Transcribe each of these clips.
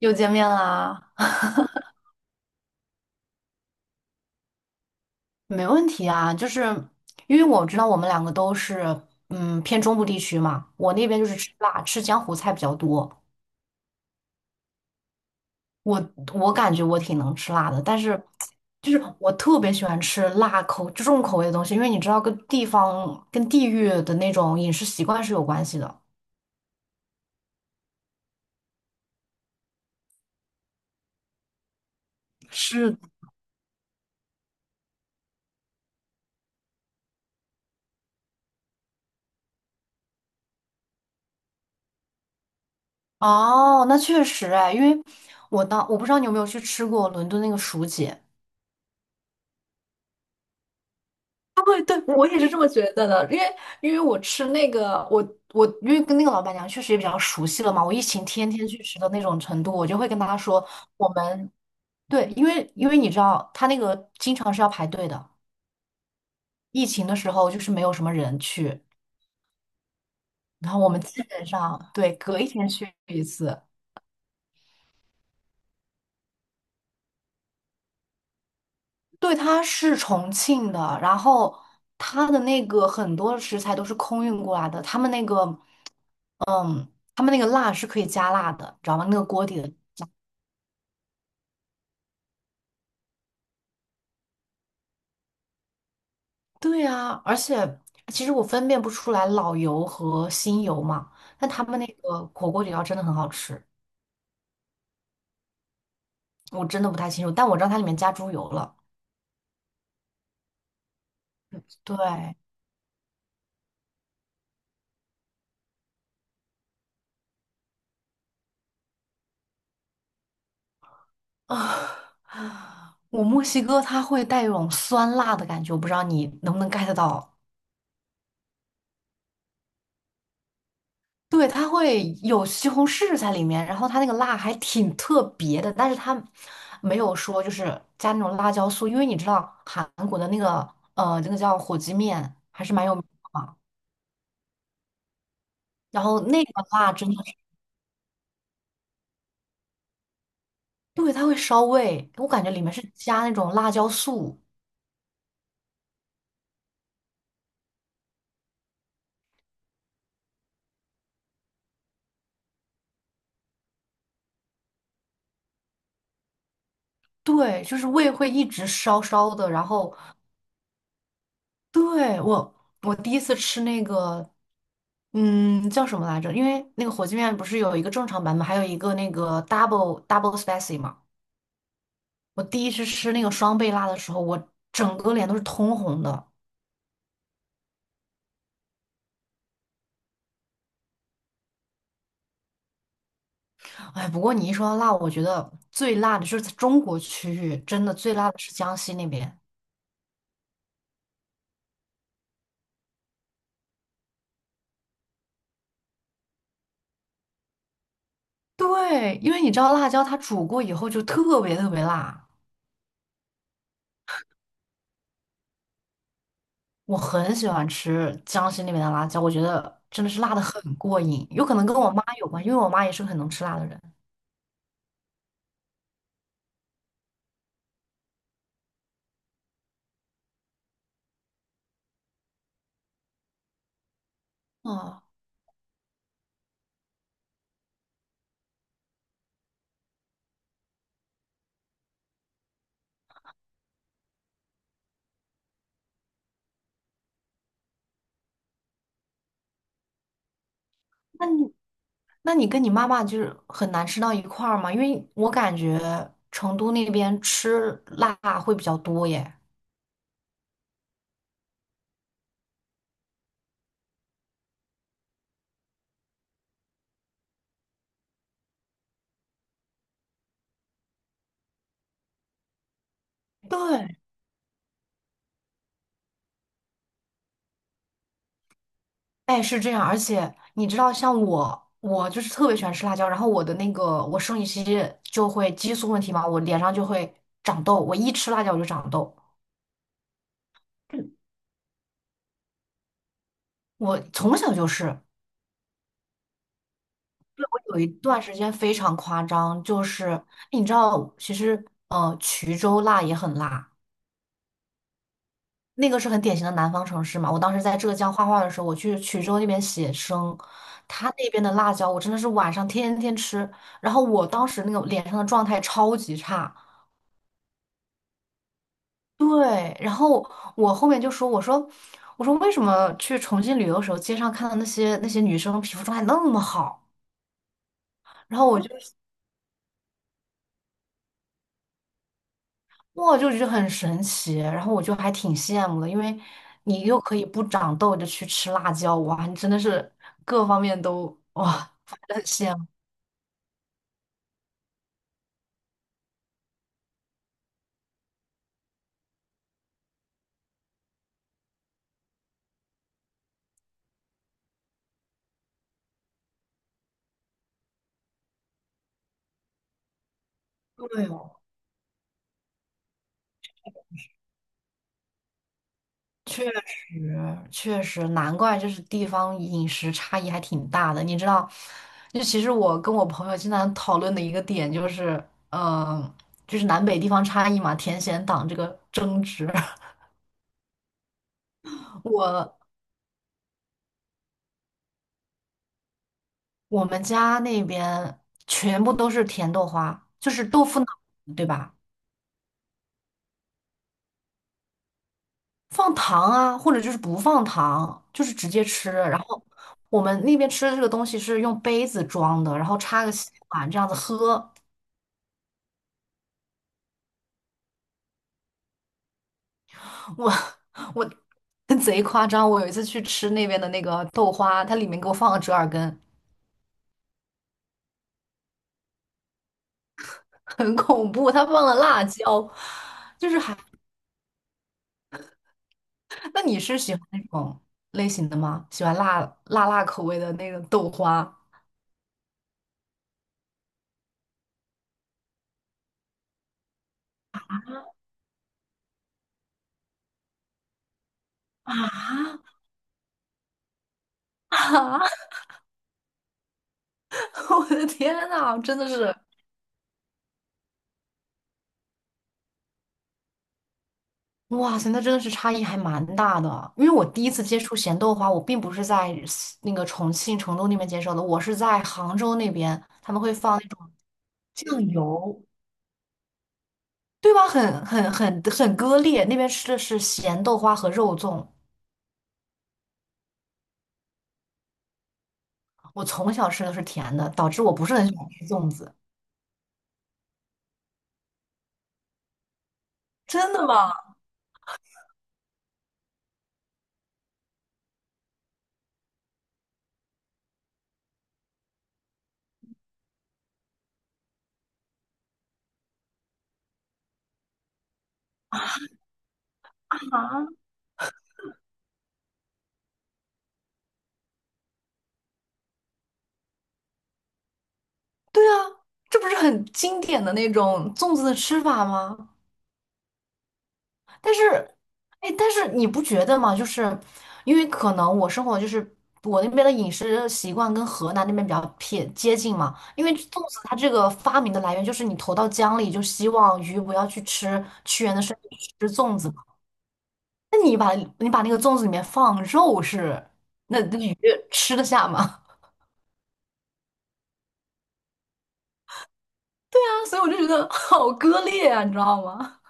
又见面啦，没问题啊。就是因为我知道我们两个都是偏中部地区嘛，我那边就是吃辣，吃江湖菜比较多。我感觉我挺能吃辣的，但是就是我特别喜欢吃辣口重口味的东西，因为你知道跟地方跟地域的那种饮食习惯是有关系的。是的，哦，那确实哎，因为我当我不知道你有没有去吃过伦敦那个薯姐。对，对，我也是这么觉得的，因为我吃那个，我我因为跟那个老板娘确实也比较熟悉了嘛，我疫情天天去吃的那种程度，我就会跟她说，我们对，因为你知道，他那个经常是要排队的，疫情的时候就是没有什么人去，然后我们基本上对隔一天去一次。对，他是重庆的，然后他的那个很多食材都是空运过来的，他们那个，嗯，他们那个辣是可以加辣的，你知道吗？那个锅底的。对啊，而且其实我分辨不出来老油和新油嘛，但他们那个火锅底料真的很好吃，我真的不太清楚，但我知道它里面加猪油了。对啊，我墨西哥它会带一种酸辣的感觉，我不知道你能不能 get 到。对，它会有西红柿在里面，然后它那个辣还挺特别的，但是它没有说就是加那种辣椒素，因为你知道韩国的那个那个叫火鸡面还是蛮有名的嘛。然后那个辣真的是，对，它会烧胃，我感觉里面是加那种辣椒素，对，就是胃会一直烧烧的。然后，对，我第一次吃那个，嗯，叫什么来着？因为那个火鸡面不是有一个正常版本，还有一个那个 double double spicy 嘛。我第一次吃那个双倍辣的时候，我整个脸都是通红的。哎，不过你一说到辣，我觉得最辣的就是在中国区域，真的最辣的是江西那边。对，因为你知道辣椒它煮过以后就特别特别辣，我很喜欢吃江西那边的辣椒，我觉得真的是辣的很过瘾，有可能跟我妈有关，因为我妈也是个很能吃辣的人。哦，那你那你跟你妈妈就是很难吃到一块儿吗？因为我感觉成都那边吃辣会比较多耶。对，哎，是这样，而且你知道，像我，我就是特别喜欢吃辣椒，然后我的那个我生理期就会激素问题嘛，我脸上就会长痘，我一吃辣椒我就长痘，我从小就是，对，我有一段时间非常夸张，就是你知道，其实衢州辣也很辣，那个是很典型的南方城市嘛。我当时在浙江画画的时候，我去衢州那边写生，他那边的辣椒我真的是晚上天天吃，然后我当时那个脸上的状态超级差。对，然后我后面就说，我说，我说为什么去重庆旅游的时候，街上看到那些那些女生皮肤状态那么好，然后我就哇，就觉得很神奇，然后我就还挺羡慕的，因为你又可以不长痘的去吃辣椒，哇，你真的是各方面都哇，反正很羡慕。对确实，确实，难怪就是地方饮食差异还挺大的。你知道，就其实我跟我朋友经常讨论的一个点就是，嗯、就是南北地方差异嘛，甜咸党这个争执。我我们家那边全部都是甜豆花，就是豆腐脑，对吧？放糖啊，或者就是不放糖，就是直接吃。然后我们那边吃的这个东西是用杯子装的，然后插个吸管这样子喝。我我贼夸张，我有一次去吃那边的那个豆花，它里面给我放了折耳根，很恐怖，它放了辣椒，就是还……那你是喜欢那种类型的吗？喜欢辣辣口味的那个豆花啊啊！我的天呐，真的是 哇塞，那真的是差异还蛮大的啊。因为我第一次接触咸豆花，我并不是在西那个重庆、成都那边接受的，我是在杭州那边，他们会放那种酱油。对吧？很割裂，那边吃的是咸豆花和肉粽，我从小吃的是甜的，导致我不是很喜欢吃粽子。真的吗？啊，对啊，这不是很经典的那种粽子的吃法吗？但是，哎，但是你不觉得吗？就是因为可能我生活就是我那边的饮食习惯跟河南那边比较偏接近嘛。因为粽子它这个发明的来源就是你投到江里，就希望鱼不要去吃屈原的身体，去吃粽子。那你把那个粽子里面放肉是，那那鱼吃得下吗？啊，所以我就觉得好割裂啊，你知道吗？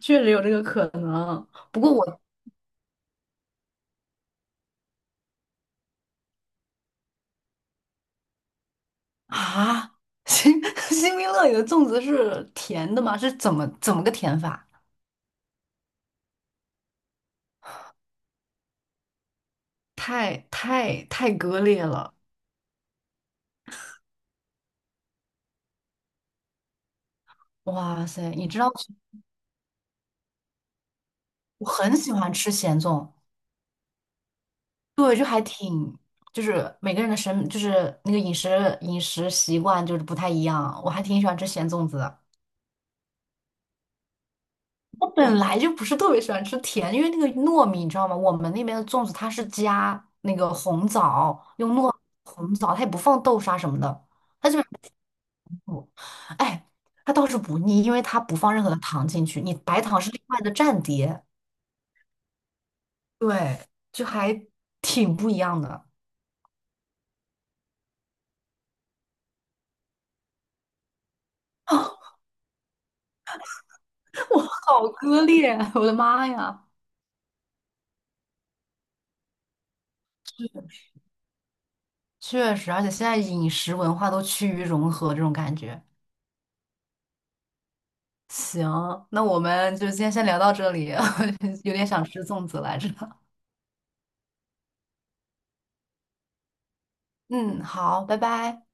确实有这个可能。不过我啊，新 新冰乐里的粽子是甜的吗？是怎么个甜法？太割裂了！哇塞，你知道我很喜欢吃咸粽，就是每个人的审就是那个饮食习惯就是不太一样，我还挺喜欢吃咸粽子的。本来就不是特别喜欢吃甜，因为那个糯米，你知道吗？我们那边的粽子它是加那个红枣，用糯红枣，它也不放豆沙什么的，它就本上不，哎，它倒是不腻，因为它不放任何的糖进去，你白糖是另外的蘸碟，对，就还挺不一样的。我好割裂，我的妈呀！确实，而且现在饮食文化都趋于融合，这种感觉。行，那我们就今天先聊到这里，有点想吃粽子来着。嗯，好，拜拜。